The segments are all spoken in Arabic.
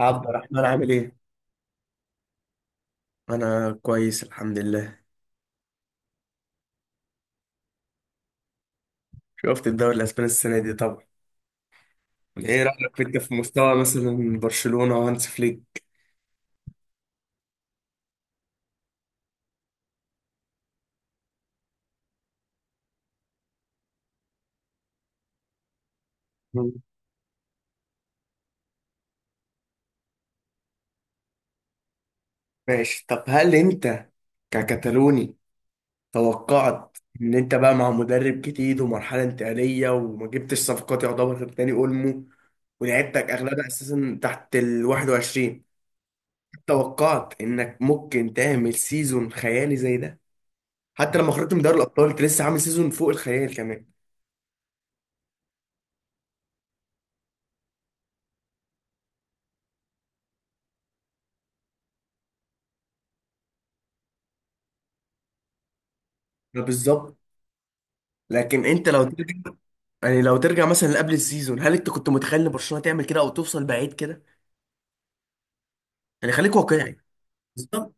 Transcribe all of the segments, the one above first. عبد الرحمن عامل ايه؟ انا كويس الحمد لله. شفت الدوري الاسباني السنه دي طبعا. ايه رايك في انت في مستوى مثلا برشلونه وهانس فليك؟ مم. ماشي، طب هل انت ككتالوني توقعت ان انت بقى مع مدرب جديد ومرحله انتقاليه وما جبتش صفقات يعتبر غير داني اولمو، ولعبتك اغلبها اساسا تحت ال 21؟ توقعت انك ممكن تعمل سيزون خيالي زي ده؟ حتى لما خرجت من دوري الابطال انت لسه عامل سيزون فوق الخيال كمان. ده بالظبط. لكن انت لو ترجع يعني لو ترجع مثلا لقبل السيزون، هل انت كنت متخيل ان برشلونه تعمل كده او توصل بعيد كده؟ يعني خليك واقعي. بالظبط.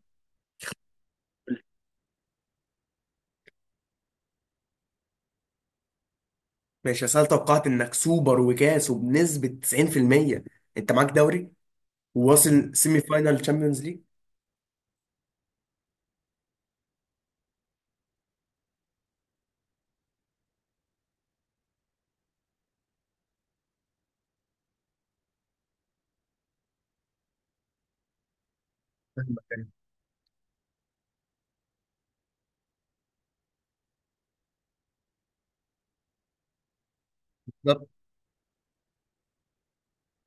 ماشي، اصل أنا توقعت انك سوبر وكاس وبنسبه 90%، انت معاك دوري، وواصل سيمي فاينال تشامبيونز ليج. فاهمك، يعني. بالظبط.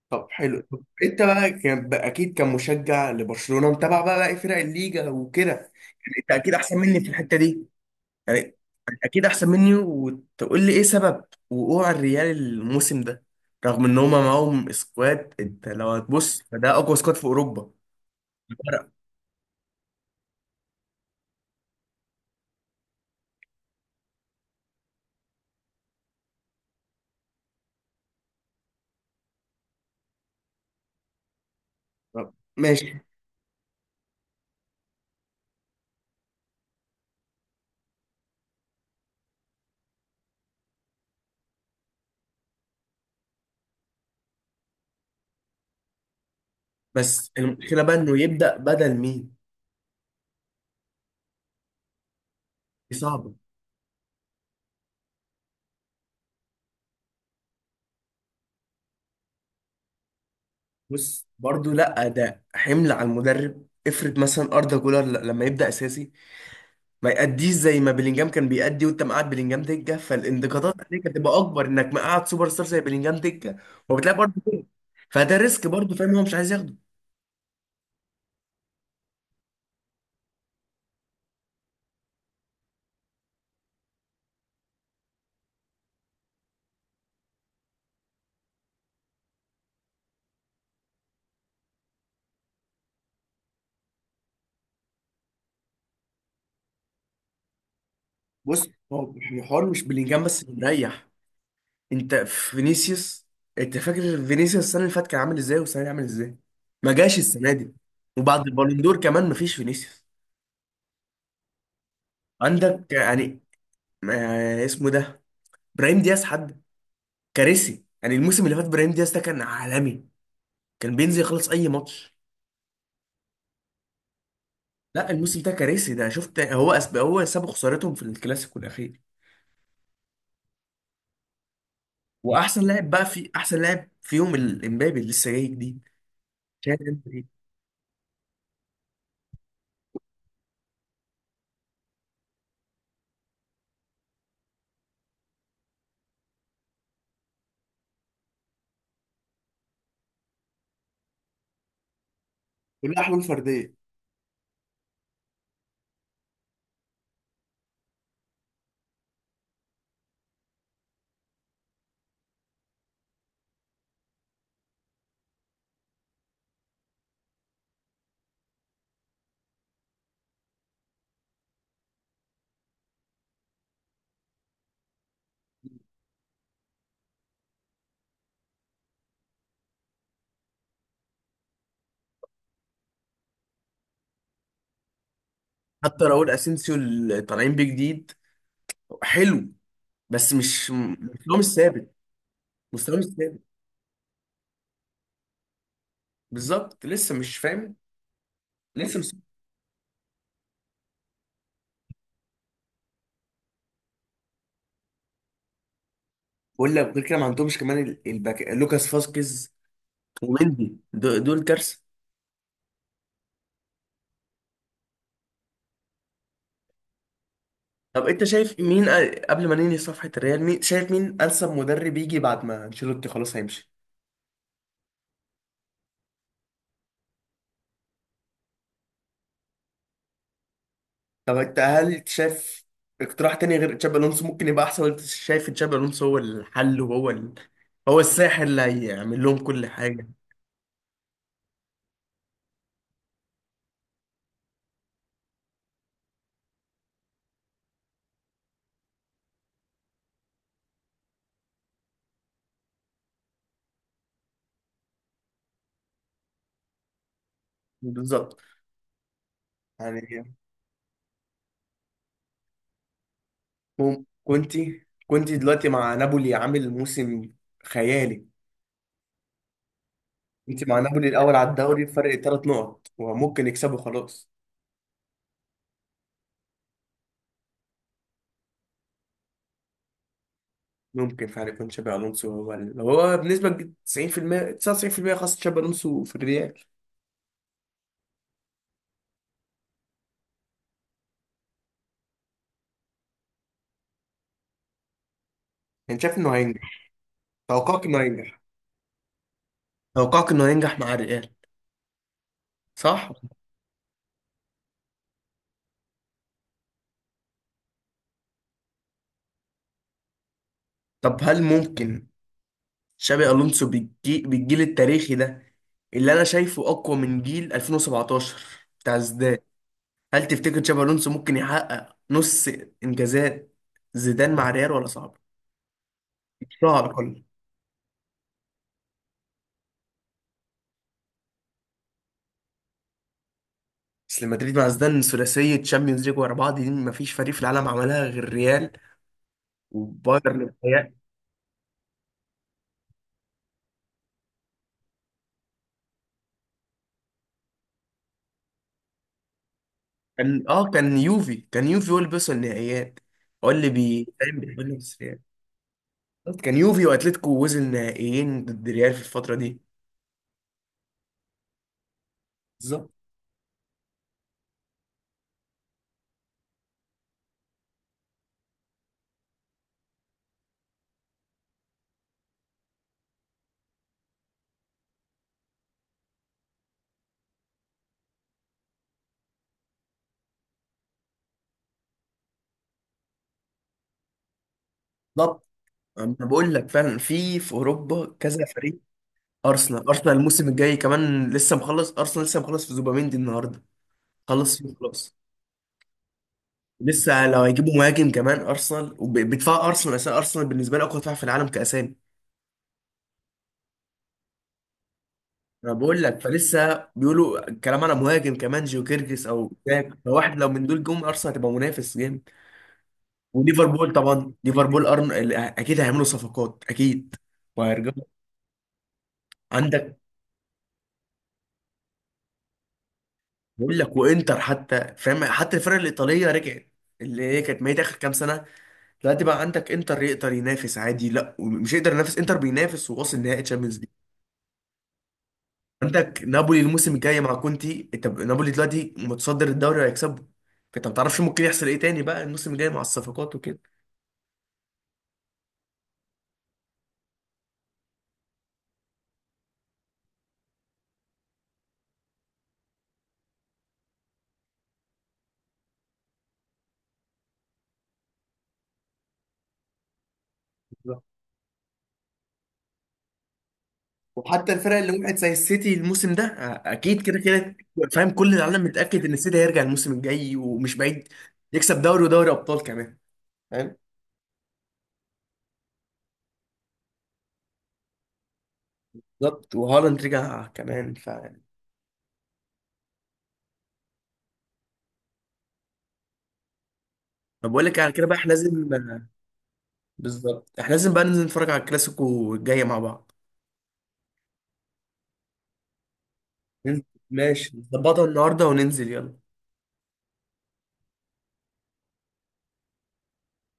طب حلو، طب انت بقى كان بقى اكيد كمشجع لبرشلونه متابع بقى باقي فرق الليجا وكده، يعني انت اكيد احسن مني في الحته دي. يعني اكيد احسن مني، وتقول لي ايه سبب وقوع الريال الموسم ده؟ رغم ان هما معاهم سكواد، انت لو هتبص فده اقوى سكواد في اوروبا. فرق. طب، ماشي. بس المشكله بقى انه يبدا بدل مين؟ دي صعبه. بص برضو لا، ده حمل على المدرب. افرض مثلا اردا جولر لما يبدا اساسي، ما يأديش زي ما بلينجهام كان بيأدي، وانت مقعد بلينجهام دكه، فالانتقادات عليك هتبقى اكبر انك مقعد سوبر ستار زي بلينجهام دكه. وبتلاقي برضو كده. فده ريسك برضو، فاهم، هو مش عايز ياخده. بص هو الحوار مش بلينجهام بس اللي مريح. انت فينيسيوس، انت فاكر فينيسيوس السنه اللي فاتت كان عامل ازاي والسنه دي عامل ازاي؟ ما جاش السنه دي. وبعد البالون دور كمان ما فيش فينيسيوس. عندك يعني اسمه ده، ابراهيم دياز، حد كارثي يعني. الموسم اللي فات ابراهيم دياز ده كان عالمي، كان بينزل يخلص اي ماتش. لا الموسم ده كارثي ده، شفت، هو سبب خسارتهم في الكلاسيكو الاخير. واحسن لاعب بقى في، احسن لاعب فيهم الامبابي اللي لسه جاي جديد. شايف انت ايه؟ كلها حلول فرديه. حتى راؤول اسينسيو اللي طالعين بيه جديد حلو، بس مش مستواه مش ثابت. مستواه مش ثابت، بالظبط. لسه مش فاهم. لسه مش. ولا غير كده ما عندهمش كمان الباك لوكاس فاسكيز، ومندي، دول كارثه. طب انت شايف مين، قبل ما ننهي صفحه الريال، مين شايف، مين انسب مدرب يجي بعد ما انشيلوتي خلاص هيمشي؟ طب انت هل شايف اقتراح تاني غير تشابي الونسو ممكن يبقى احسن، ولا أنت شايف تشابي الونسو هو الحل، هو الساحر اللي هيعمل لهم كل حاجه؟ بالظبط، يعني. مم- كنت كنت دلوقتي مع نابولي عامل موسم خيالي. انت مع نابولي الاول على الدوري بفرق ثلاث نقط وممكن يكسبوا خلاص. ممكن فعلا يكون شابي الونسو هو هو بنسبه 90% 99%، خاصه شابي الونسو في الريال. يعني شايف انه هينجح؟ توقعك انه هينجح؟ توقعك انه هينجح مع الريال، صح؟ طب هل ممكن شابي الونسو بالجيل التاريخي ده، اللي انا شايفه اقوى من جيل 2017 بتاع زيدان، هل تفتكر تشابي الونسو ممكن يحقق نص انجازات زيدان مع ريال ولا صعب؟ لا على الاقل. اصل مدريد مع زيدان ثلاثيه تشامبيونز ليج ورا بعض، دي مفيش فريق في العالم عملها غير ريال وبايرن بتهيألي. كان يوفي هو اللي بيوصل النهائيات، هو اللي فاهم، بينافس ريال. بالظبط، كان يوفي واتلتيكو وصل نهائيين ضد ريال في الفتره دي. بالظبط. بالظبط، انا بقول لك فعلا، في اوروبا كذا فريق. ارسنال، ارسنال الموسم الجاي كمان لسه مخلص، ارسنال لسه مخلص في زوباميندي النهارده، خلص فيه خلاص. لسه لو هيجيبوا مهاجم كمان، ارسنال وبيدفع ارسنال، اساسا ارسنال بالنسبه لي اقوى دفاع في العالم كاسامي. انا بقول لك فلسه بيقولوا الكلام على مهاجم كمان، جيو كيرجس او جاك، فواحد لو من دول جم ارسنال هتبقى منافس جامد. وليفربول طبعا، ليفربول اكيد هيعملوا صفقات، اكيد وهيرجعوا. عندك، بقول لك، وانتر حتى، فاهم، حتى الفرق الايطاليه رجعت اللي هي كانت ميتة آخر كام سنة. دلوقتي بقى عندك انتر يقدر ينافس عادي، لا مش يقدر ينافس، انتر بينافس وواصل نهائي تشامبيونز. عندك نابولي الموسم الجاي مع كونتي، انت نابولي دلوقتي متصدر الدوري وهيكسبه. فانت ما تعرفش ممكن يحصل ايه تاني بقى الموسم الجاي مع الصفقات وكده. بالظبط. وحتى الفرق اللي وقعت زي السيتي الموسم ده، اكيد كده كده، فاهم، كل العالم متاكد ان السيتي هيرجع الموسم الجاي ومش بعيد يكسب دوري ودوري ابطال كمان، فاهم. بالظبط، وهالاند رجع كمان. طب بقول لك على كده بقى، احنا لازم. بالظبط، احنا لازم بقى ننزل نتفرج على الكلاسيكو الجاي مع بعض. ننزل، ماشي نظبطها النهارده وننزل يلا.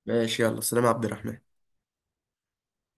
ماشي، يلا سلام يا عبد الرحمن.